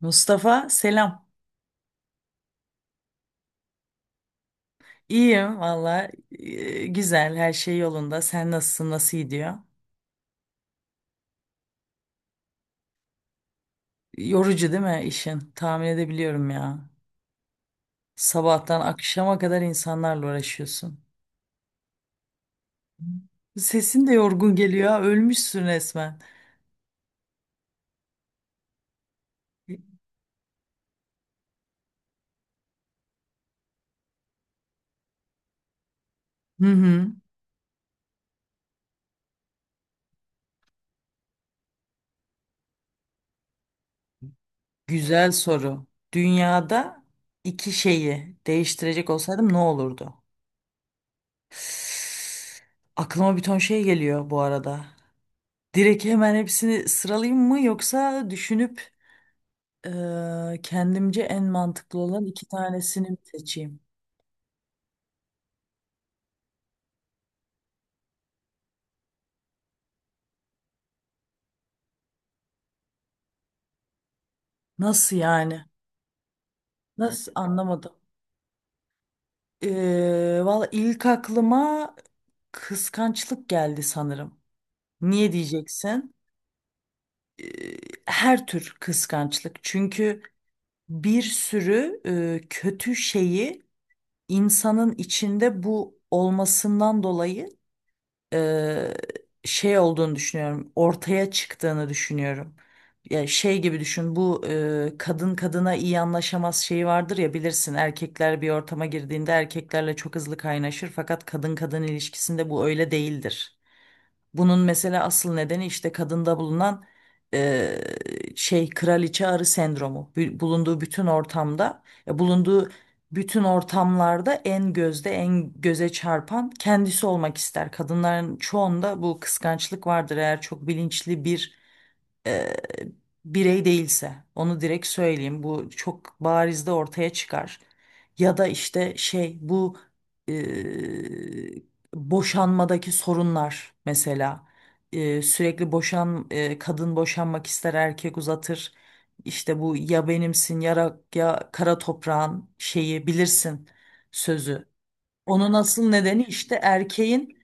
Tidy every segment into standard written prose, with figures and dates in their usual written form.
Mustafa selam. İyiyim valla. Güzel, her şey yolunda. Sen nasılsın? Nasıl gidiyor? Yorucu değil mi işin? Tahmin edebiliyorum ya. Sabahtan akşama kadar insanlarla uğraşıyorsun. Sesin de yorgun geliyor. Ha, Ölmüşsün resmen. Hı hı. Güzel soru. Dünyada iki şeyi değiştirecek olsaydım ne olurdu? Aklıma bir ton şey geliyor bu arada. Direkt hemen hepsini sıralayayım mı, yoksa düşünüp kendimce en mantıklı olan iki tanesini mi seçeyim? Nasıl yani? Nasıl, anlamadım. Valla ilk aklıma kıskançlık geldi sanırım. Niye diyeceksin? Eee, her tür kıskançlık. Çünkü bir sürü kötü şeyi insanın içinde bu olmasından dolayı e, şey olduğunu düşünüyorum. Ortaya çıktığını düşünüyorum. Ya şey gibi düşün bu kadın kadına iyi anlaşamaz şeyi vardır ya, bilirsin, erkekler bir ortama girdiğinde erkeklerle çok hızlı kaynaşır, fakat kadın kadın ilişkisinde bu öyle değildir. Bunun mesela asıl nedeni işte kadında bulunan e, şey kraliçe arı sendromu. Bulunduğu bütün ortamda, bulunduğu bütün ortamlarda en gözde, en göze çarpan kendisi olmak ister. Kadınların çoğunda bu kıskançlık vardır. Eğer çok bilinçli bir birey değilse, onu direkt söyleyeyim, bu çok barizde ortaya çıkar. Ya da işte şey, bu eee, boşanmadaki sorunlar mesela. Sürekli boşan Kadın boşanmak ister, erkek uzatır. İşte bu "ya benimsin, ya, ya kara toprağın" şeyi, bilirsin, sözü, onun asıl nedeni işte erkeğin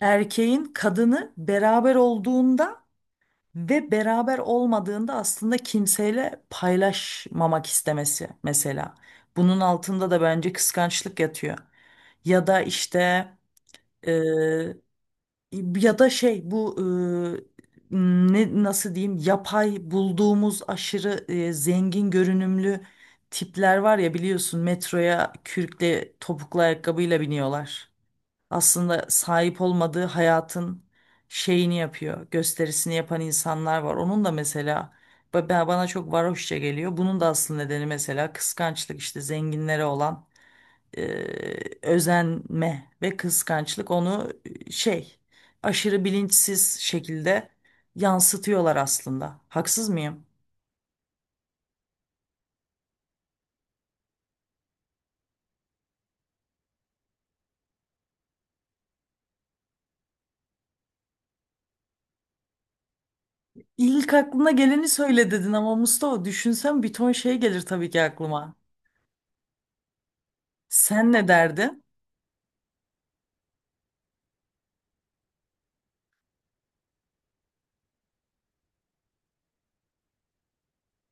erkeğin kadını beraber olduğunda ve beraber olmadığında aslında kimseyle paylaşmamak istemesi mesela. Bunun altında da bence kıskançlık yatıyor. Ya da işte e, ya da şey, bu e, ne, nasıl diyeyim, yapay bulduğumuz aşırı zengin görünümlü tipler var ya, biliyorsun, metroya kürkle topuklu ayakkabıyla biniyorlar, aslında sahip olmadığı hayatın şeyini yapıyor, gösterisini yapan insanlar var. Onun da mesela bana çok varoşça geliyor. Bunun da asıl nedeni mesela kıskançlık, işte zenginlere olan e, özenme ve kıskançlık onu e, şey aşırı bilinçsiz şekilde yansıtıyorlar aslında. Haksız mıyım? İlk aklına geleni söyle dedin ama Mustafa, düşünsem bir ton şey gelir tabii ki aklıma. Sen ne derdin?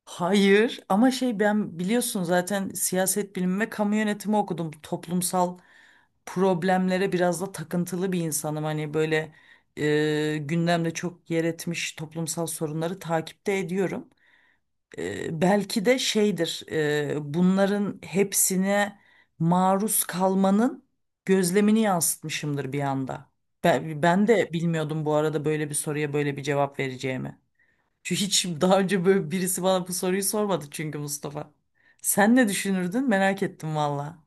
Hayır ama şey, ben biliyorsun zaten siyaset bilimi ve kamu yönetimi okudum. Toplumsal problemlere biraz da takıntılı bir insanım. Hani böyle gündemde çok yer etmiş toplumsal sorunları takipte ediyorum. Belki de şeydir, bunların hepsine maruz kalmanın gözlemini yansıtmışımdır bir anda. Ben de bilmiyordum bu arada böyle bir soruya böyle bir cevap vereceğimi. Şu hiç daha önce böyle birisi bana bu soruyu sormadı çünkü Mustafa. Sen ne düşünürdün? Merak ettim valla.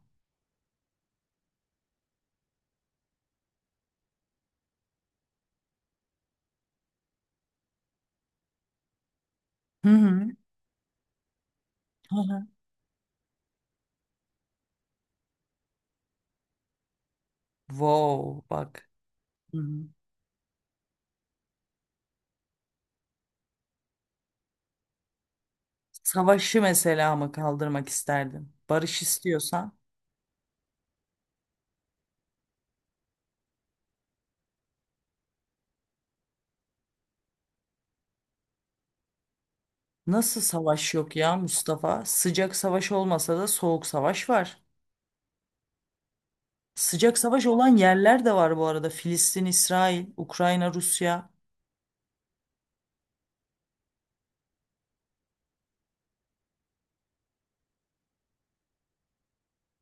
Hı hı. Hı hı. Wow, bak. Hı hı. Savaşı mesela mı kaldırmak isterdin? Barış istiyorsan. Nasıl savaş yok ya Mustafa? Sıcak savaş olmasa da soğuk savaş var. Sıcak savaş olan yerler de var bu arada. Filistin, İsrail, Ukrayna, Rusya.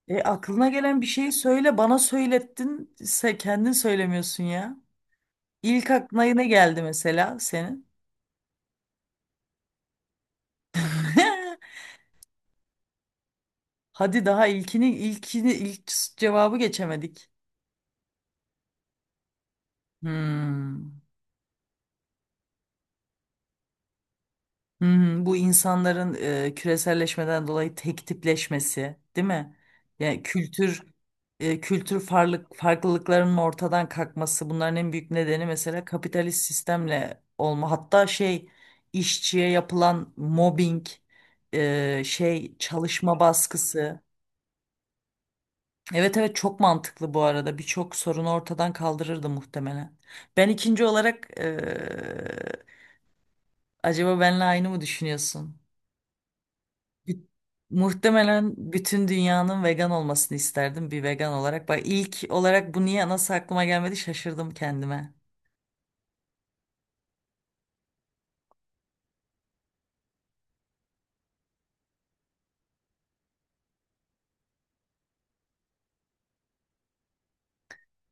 E, aklına gelen bir şeyi söyle, bana söylettin. Sen kendin söylemiyorsun ya. İlk aklına ne geldi mesela senin? Hadi, daha ilkini ilk cevabı geçemedik. Hmm. Hmm, bu insanların küreselleşmeden dolayı tek tipleşmesi, değil mi? Yani kültür farklılıklarının ortadan kalkması bunların en büyük nedeni mesela kapitalist sistemle olma. Hatta şey, işçiye yapılan mobbing, çalışma baskısı. Evet evet, çok mantıklı bu arada. Birçok sorunu ortadan kaldırırdı muhtemelen. Ben ikinci olarak acaba benle aynı mı düşünüyorsun? Bi- Muhtemelen bütün dünyanın vegan olmasını isterdim, bir vegan olarak. Bak, ilk olarak bu niye, nasıl aklıma gelmedi, şaşırdım kendime.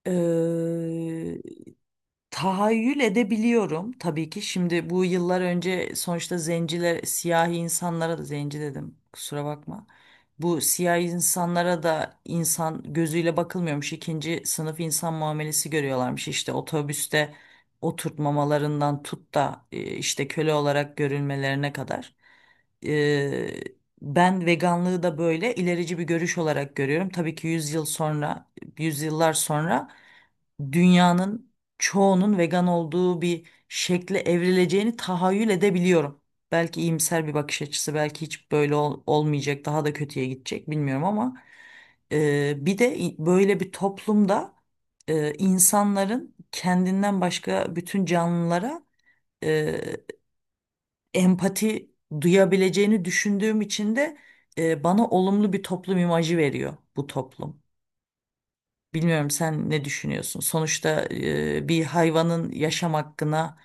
Eee, Tahayyül edebiliyorum tabii ki. Şimdi bu yıllar önce sonuçta zenciler, siyahi insanlara da zenci dedim, kusura bakma. Bu siyahi insanlara da insan gözüyle bakılmıyormuş. İkinci sınıf insan muamelesi görüyorlarmış. İşte otobüste oturtmamalarından tut da işte köle olarak görülmelerine kadar. E, Ben veganlığı da böyle ilerici bir görüş olarak görüyorum. Tabii ki 100 yıl sonra, yüzyıllar sonra dünyanın çoğunun vegan olduğu bir şekle evrileceğini tahayyül edebiliyorum. Belki iyimser bir bakış açısı, belki hiç böyle olmayacak, daha da kötüye gidecek, bilmiyorum, ama böyle bir toplumda insanların kendinden başka bütün canlılara e, empati duyabileceğini düşündüğüm için de bana olumlu bir toplum imajı veriyor bu toplum. Bilmiyorum sen ne düşünüyorsun? Sonuçta bir hayvanın yaşam hakkına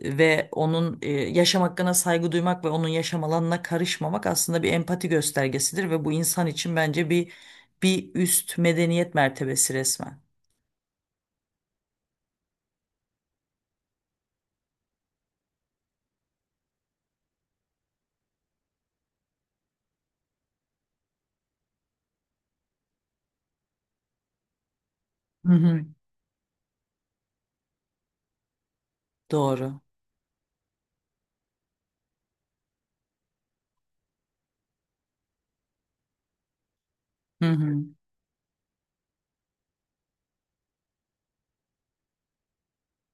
ve onun yaşam hakkına saygı duymak ve onun yaşam alanına karışmamak aslında bir empati göstergesidir ve bu insan için bence bir üst medeniyet mertebesi resmen. Hı hı. Doğru. Hı hı.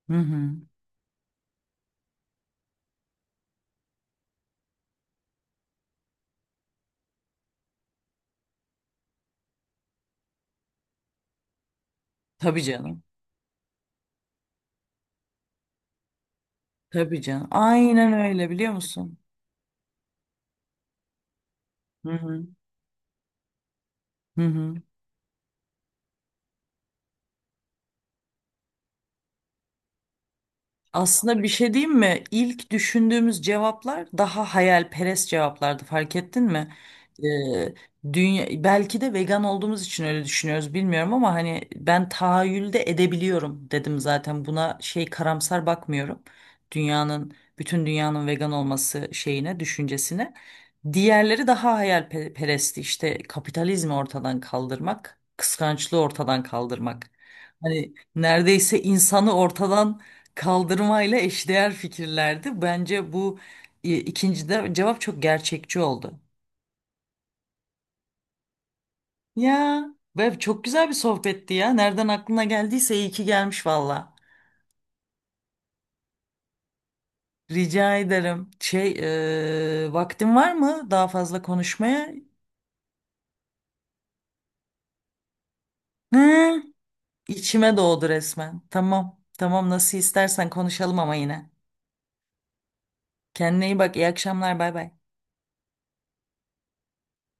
Hı hı. Tabii canım. Tabii canım. Aynen öyle, biliyor musun? Hı hı. Hı hı. Aslında bir şey diyeyim mi? İlk düşündüğümüz cevaplar daha hayalperest cevaplardı, fark ettin mi? Ee, Dünya, belki de vegan olduğumuz için öyle düşünüyoruz, bilmiyorum, ama hani ben tahayyülde edebiliyorum dedim zaten, buna şey, karamsar bakmıyorum. Dünyanın Bütün dünyanın vegan olması şeyine, düşüncesine. Diğerleri daha hayalperestti, işte kapitalizmi ortadan kaldırmak, kıskançlığı ortadan kaldırmak. Hani neredeyse insanı ortadan kaldırmayla eşdeğer fikirlerdi. Bence bu ikinci de cevap çok gerçekçi oldu. Ya, ve çok güzel bir sohbetti ya. Nereden aklına geldiyse iyi ki gelmiş valla. Rica ederim. Şey, vaktin var mı daha fazla konuşmaya? Hı, içime doğdu resmen. Tamam. Tamam, nasıl istersen konuşalım ama yine. Kendine iyi bak. İyi akşamlar. Bay bay.